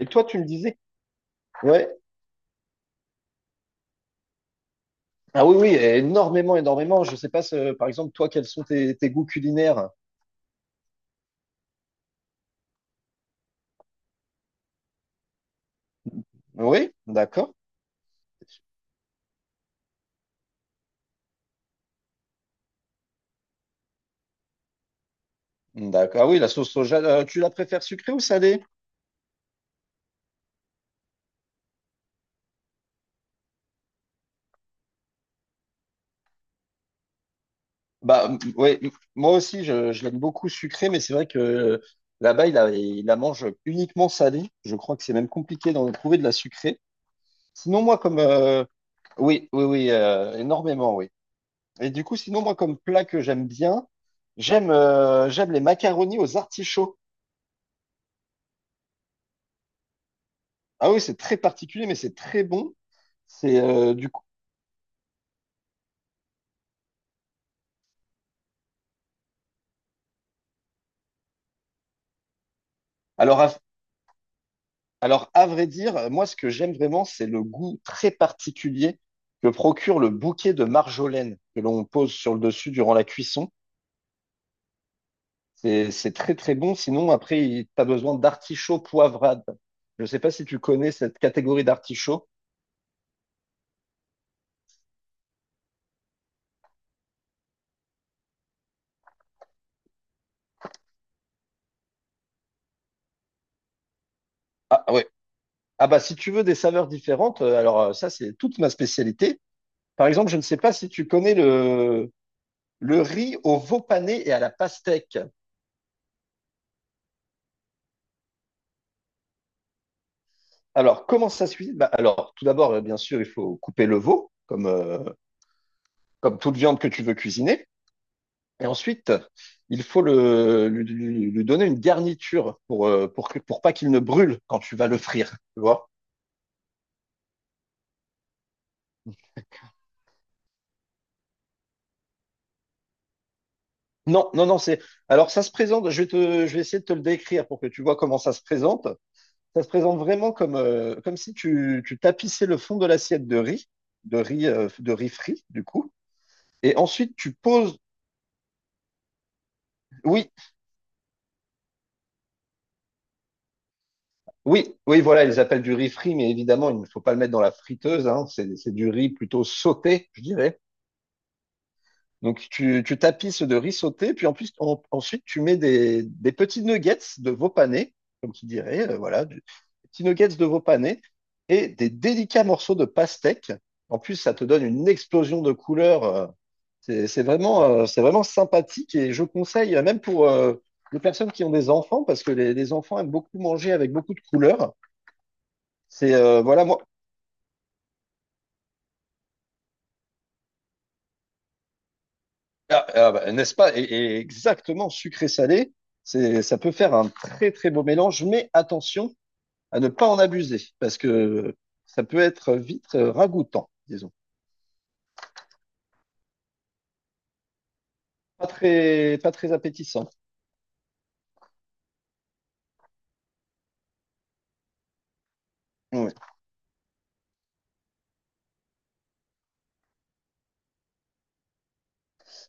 Et toi, tu me disais, ouais. Ah oui, oui, énormément, énormément. Je sais pas, par exemple, toi, quels sont tes goûts culinaires? Oui, d'accord. D'accord. Ah oui, la sauce soja, tu la préfères sucrée ou salée? Ouais, moi aussi, je l'aime beaucoup sucrée, mais c'est vrai que là-bas, il la mange uniquement salée. Je crois que c'est même compliqué d'en trouver de la sucrée. Sinon, moi, comme oui, oui, oui, énormément, oui. Et du coup, sinon, moi, comme plat que j'aime bien, j'aime les macaronis aux artichauts. Ah oui, c'est très particulier, mais c'est très bon. C'est du coup. Alors à, alors à vrai dire, moi ce que j'aime vraiment, c'est le goût très particulier que procure le bouquet de marjolaine que l'on pose sur le dessus durant la cuisson. C'est très très bon. Sinon après, tu as besoin d'artichauts poivrades. Je sais pas si tu connais cette catégorie d'artichauts. Ah ah ouais. Ah bah si tu veux des saveurs différentes, alors ça c'est toute ma spécialité. Par exemple, je ne sais pas si tu connais le riz au veau pané et à la pastèque. Alors, comment ça se cuisine? Bah, alors, tout d'abord, bien sûr, il faut couper le veau, comme toute viande que tu veux cuisiner. Et ensuite, il faut lui donner une garniture pour, pour pas qu'il ne brûle quand tu vas le frire, tu vois? Non, non, non, c'est... Alors, ça se présente, je vais essayer de te le décrire pour que tu vois comment ça se présente. Ça se présente vraiment comme, comme si tu tapissais le fond de l'assiette de riz frit, du coup. Et ensuite, tu poses... Oui, oui, oui, voilà, ils appellent du riz frit, mais évidemment, il ne faut pas le mettre dans la friteuse, hein, c'est du riz plutôt sauté, je dirais. Donc, tu tapisses de riz sauté, puis en plus, ensuite, tu mets des petits nuggets de veau pané, comme tu dirais, voilà, des petits nuggets de veau pané et des délicats morceaux de pastèque. En plus, ça te donne une explosion de couleurs. C'est vraiment, c'est vraiment sympathique et je conseille, même pour les personnes qui ont des enfants, parce que les enfants aiment beaucoup manger avec beaucoup de couleurs. C'est euh, voilà, moi, Ah, ah bah, n'est-ce pas? Et exactement, sucré-salé, ça peut faire un très très beau mélange, mais attention à ne pas en abuser, parce que ça peut être vite ragoûtant, disons. Pas très, pas très appétissant. Ouais.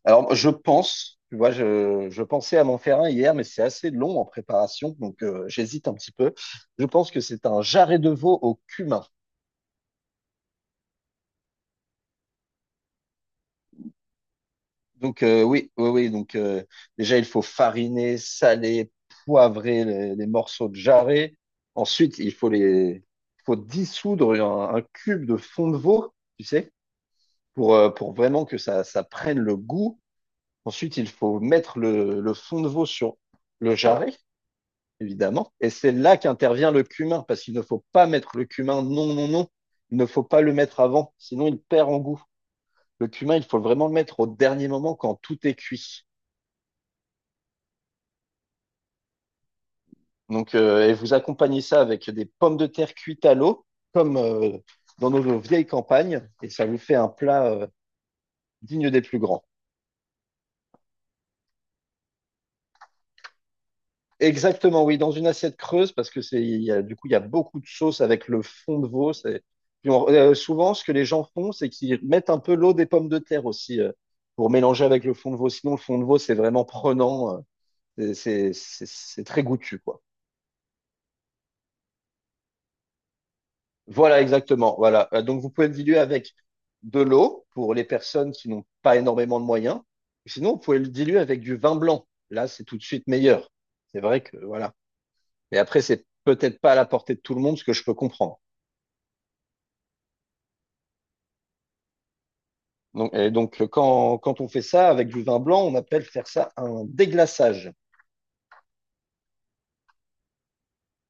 Alors, je pense, tu vois, je pensais à m'en faire un hier, mais c'est assez long en préparation, donc j'hésite un petit peu. Je pense que c'est un jarret de veau au cumin. Donc oui, oui, oui. Donc déjà, il faut fariner, saler, poivrer les morceaux de jarret. Ensuite, il faut dissoudre un cube de fond de veau, tu sais, pour vraiment que ça prenne le goût. Ensuite, il faut mettre le fond de veau sur le jarret, évidemment. Et c'est là qu'intervient le cumin, parce qu'il ne faut pas mettre le cumin. Non, non, non. Il ne faut pas le mettre avant, sinon il perd en goût. Le cumin, il faut vraiment le mettre au dernier moment quand tout est cuit. Donc, et vous accompagnez ça avec des pommes de terre cuites à l'eau, comme dans nos vieilles campagnes, et ça vous fait un plat digne des plus grands. Exactement, oui, dans une assiette creuse, parce que c'est, il y a beaucoup de sauce avec le fond de veau. Puis souvent, ce que les gens font, c'est qu'ils mettent un peu l'eau des pommes de terre aussi pour mélanger avec le fond de veau. Sinon, le fond de veau, c'est vraiment prenant, c'est très goûtu, quoi. Voilà, exactement. Voilà. Donc, vous pouvez le diluer avec de l'eau pour les personnes qui n'ont pas énormément de moyens. Sinon, vous pouvez le diluer avec du vin blanc. Là, c'est tout de suite meilleur. C'est vrai que, voilà. Mais après, c'est peut-être pas à la portée de tout le monde, ce que je peux comprendre. Donc, et donc, quand on fait ça avec du vin blanc, on appelle faire ça un déglaçage.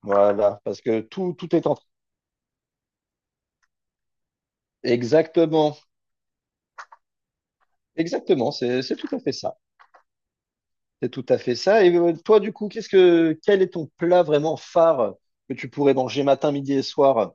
Voilà. Parce que tout, tout est en... Exactement. Exactement. C'est tout à fait ça. C'est tout à fait ça. Et toi, du coup, qu'est-ce que quel est ton plat vraiment phare que tu pourrais manger matin, midi et soir?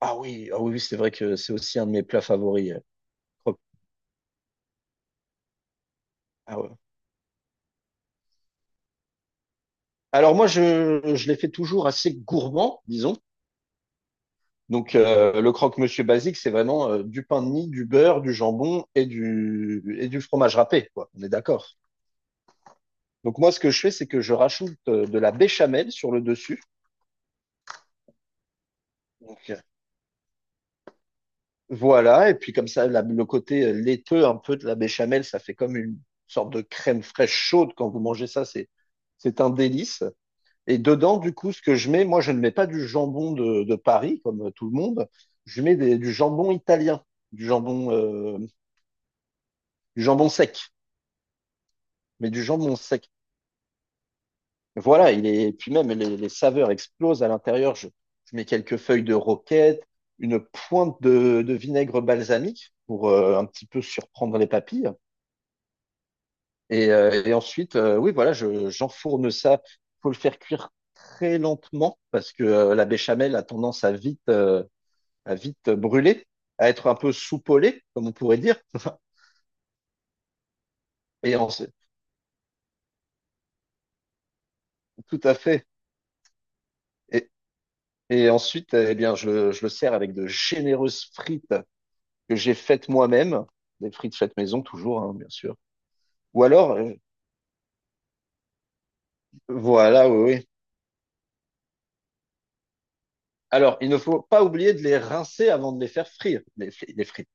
Ah oui, ah oui, oui, c'est vrai que c'est aussi un de mes plats favoris. Croque- ah ouais. Alors moi, je les fais toujours assez gourmand, disons. Donc le croque-monsieur basique, c'est vraiment du pain de mie, du beurre, du jambon et du fromage râpé, quoi. On est d'accord. Donc moi, ce que je fais, c'est que je rajoute de la béchamel sur le dessus. Donc Voilà, et puis comme ça, le côté laiteux un peu de la béchamel, ça fait comme une sorte de crème fraîche chaude quand vous mangez ça, c'est un délice. Et dedans, du coup, ce que je mets, moi, je ne mets pas du jambon de Paris, comme tout le monde, je mets du jambon italien, du jambon, euh, du jambon sec, mais du jambon sec. Voilà, il est, et puis même les saveurs explosent à l'intérieur. Je mets quelques feuilles de roquette, une pointe de vinaigre balsamique pour un petit peu surprendre les papilles. Et ensuite, oui, voilà, j'enfourne ça. Faut le faire cuire très lentement parce que la béchamel a tendance à à vite brûler, à être un peu soupolée, comme on pourrait dire. Et en- tout à fait. Et, et ensuite, eh bien, je le sers avec de généreuses frites que j'ai faites moi-même, des frites faites maison toujours, hein, bien sûr. Ou alors, voilà, oui, oui. Alors, il ne faut pas oublier de les rincer avant de les faire frire, les frites.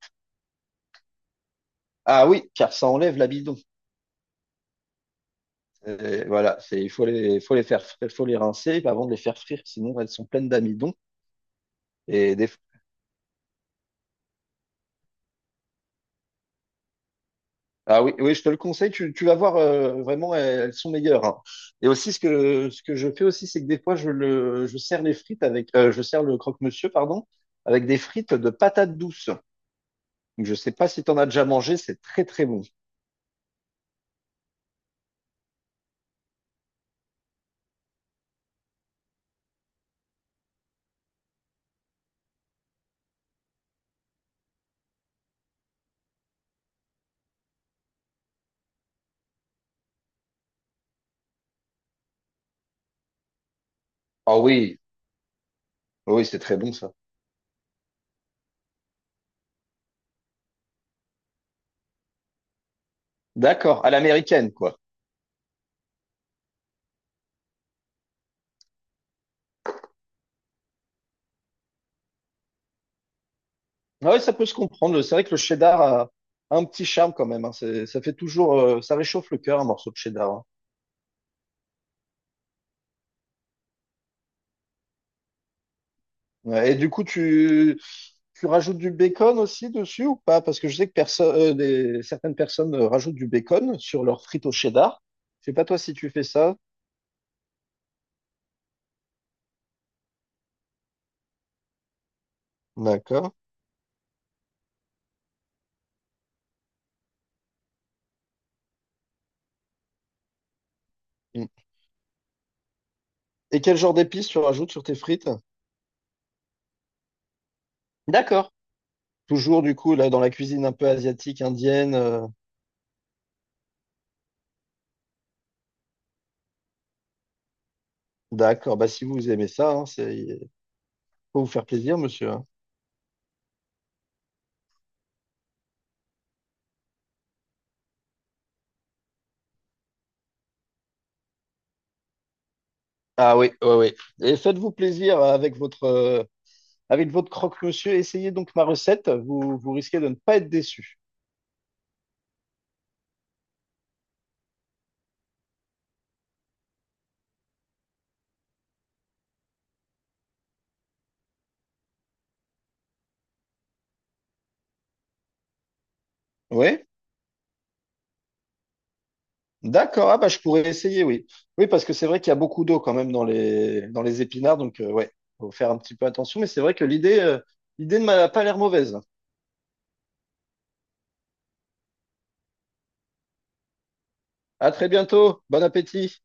Ah oui, car ça enlève l'amidon. Et voilà, c'est, il faut les faire, fr- faut les rincer avant de les faire frire, sinon elles sont pleines d'amidon. Et des... Ah oui, oui, je te le conseille, tu vas voir, vraiment, elles sont meilleures. Hein. Et aussi, ce que je fais aussi, c'est que des fois, je sers les frites avec, je sers le croque-monsieur, pardon, avec des frites de patates douces. Donc, je sais pas si tu en as déjà mangé, c'est très très bon. Ah oui, oui, c'est très bon ça. D'accord, à l'américaine, quoi. Ah ouais, ça peut se comprendre. C'est vrai que le cheddar a un petit charme quand même. Hein. Ça fait toujours, ça réchauffe le cœur un morceau de cheddar. Hein. Ouais, et du coup, tu rajoutes du bacon aussi dessus ou pas? Parce que je sais que certaines personnes rajoutent du bacon sur leurs frites au cheddar. Je sais pas toi si tu fais ça. D'accord. Mm. Et quel genre d'épices tu rajoutes sur tes frites? D'accord. Toujours du coup là dans la cuisine un peu asiatique, indienne. D'accord. Bah si vous aimez ça, hein, c'est faut vous faire plaisir, monsieur. Hein. Ah oui, oui, oui. Et faites-vous plaisir avec avec votre croque-monsieur. Essayez donc ma recette. Vous risquez de ne pas être déçu. Oui? D'accord. Ah bah je pourrais essayer, oui. Oui, parce que c'est vrai qu'il y a beaucoup d'eau quand même dans dans les épinards. Donc, ouais, faut faire un petit peu attention. Mais c'est vrai que l'idée ne m'a pas l'air mauvaise. À très bientôt. Bon appétit.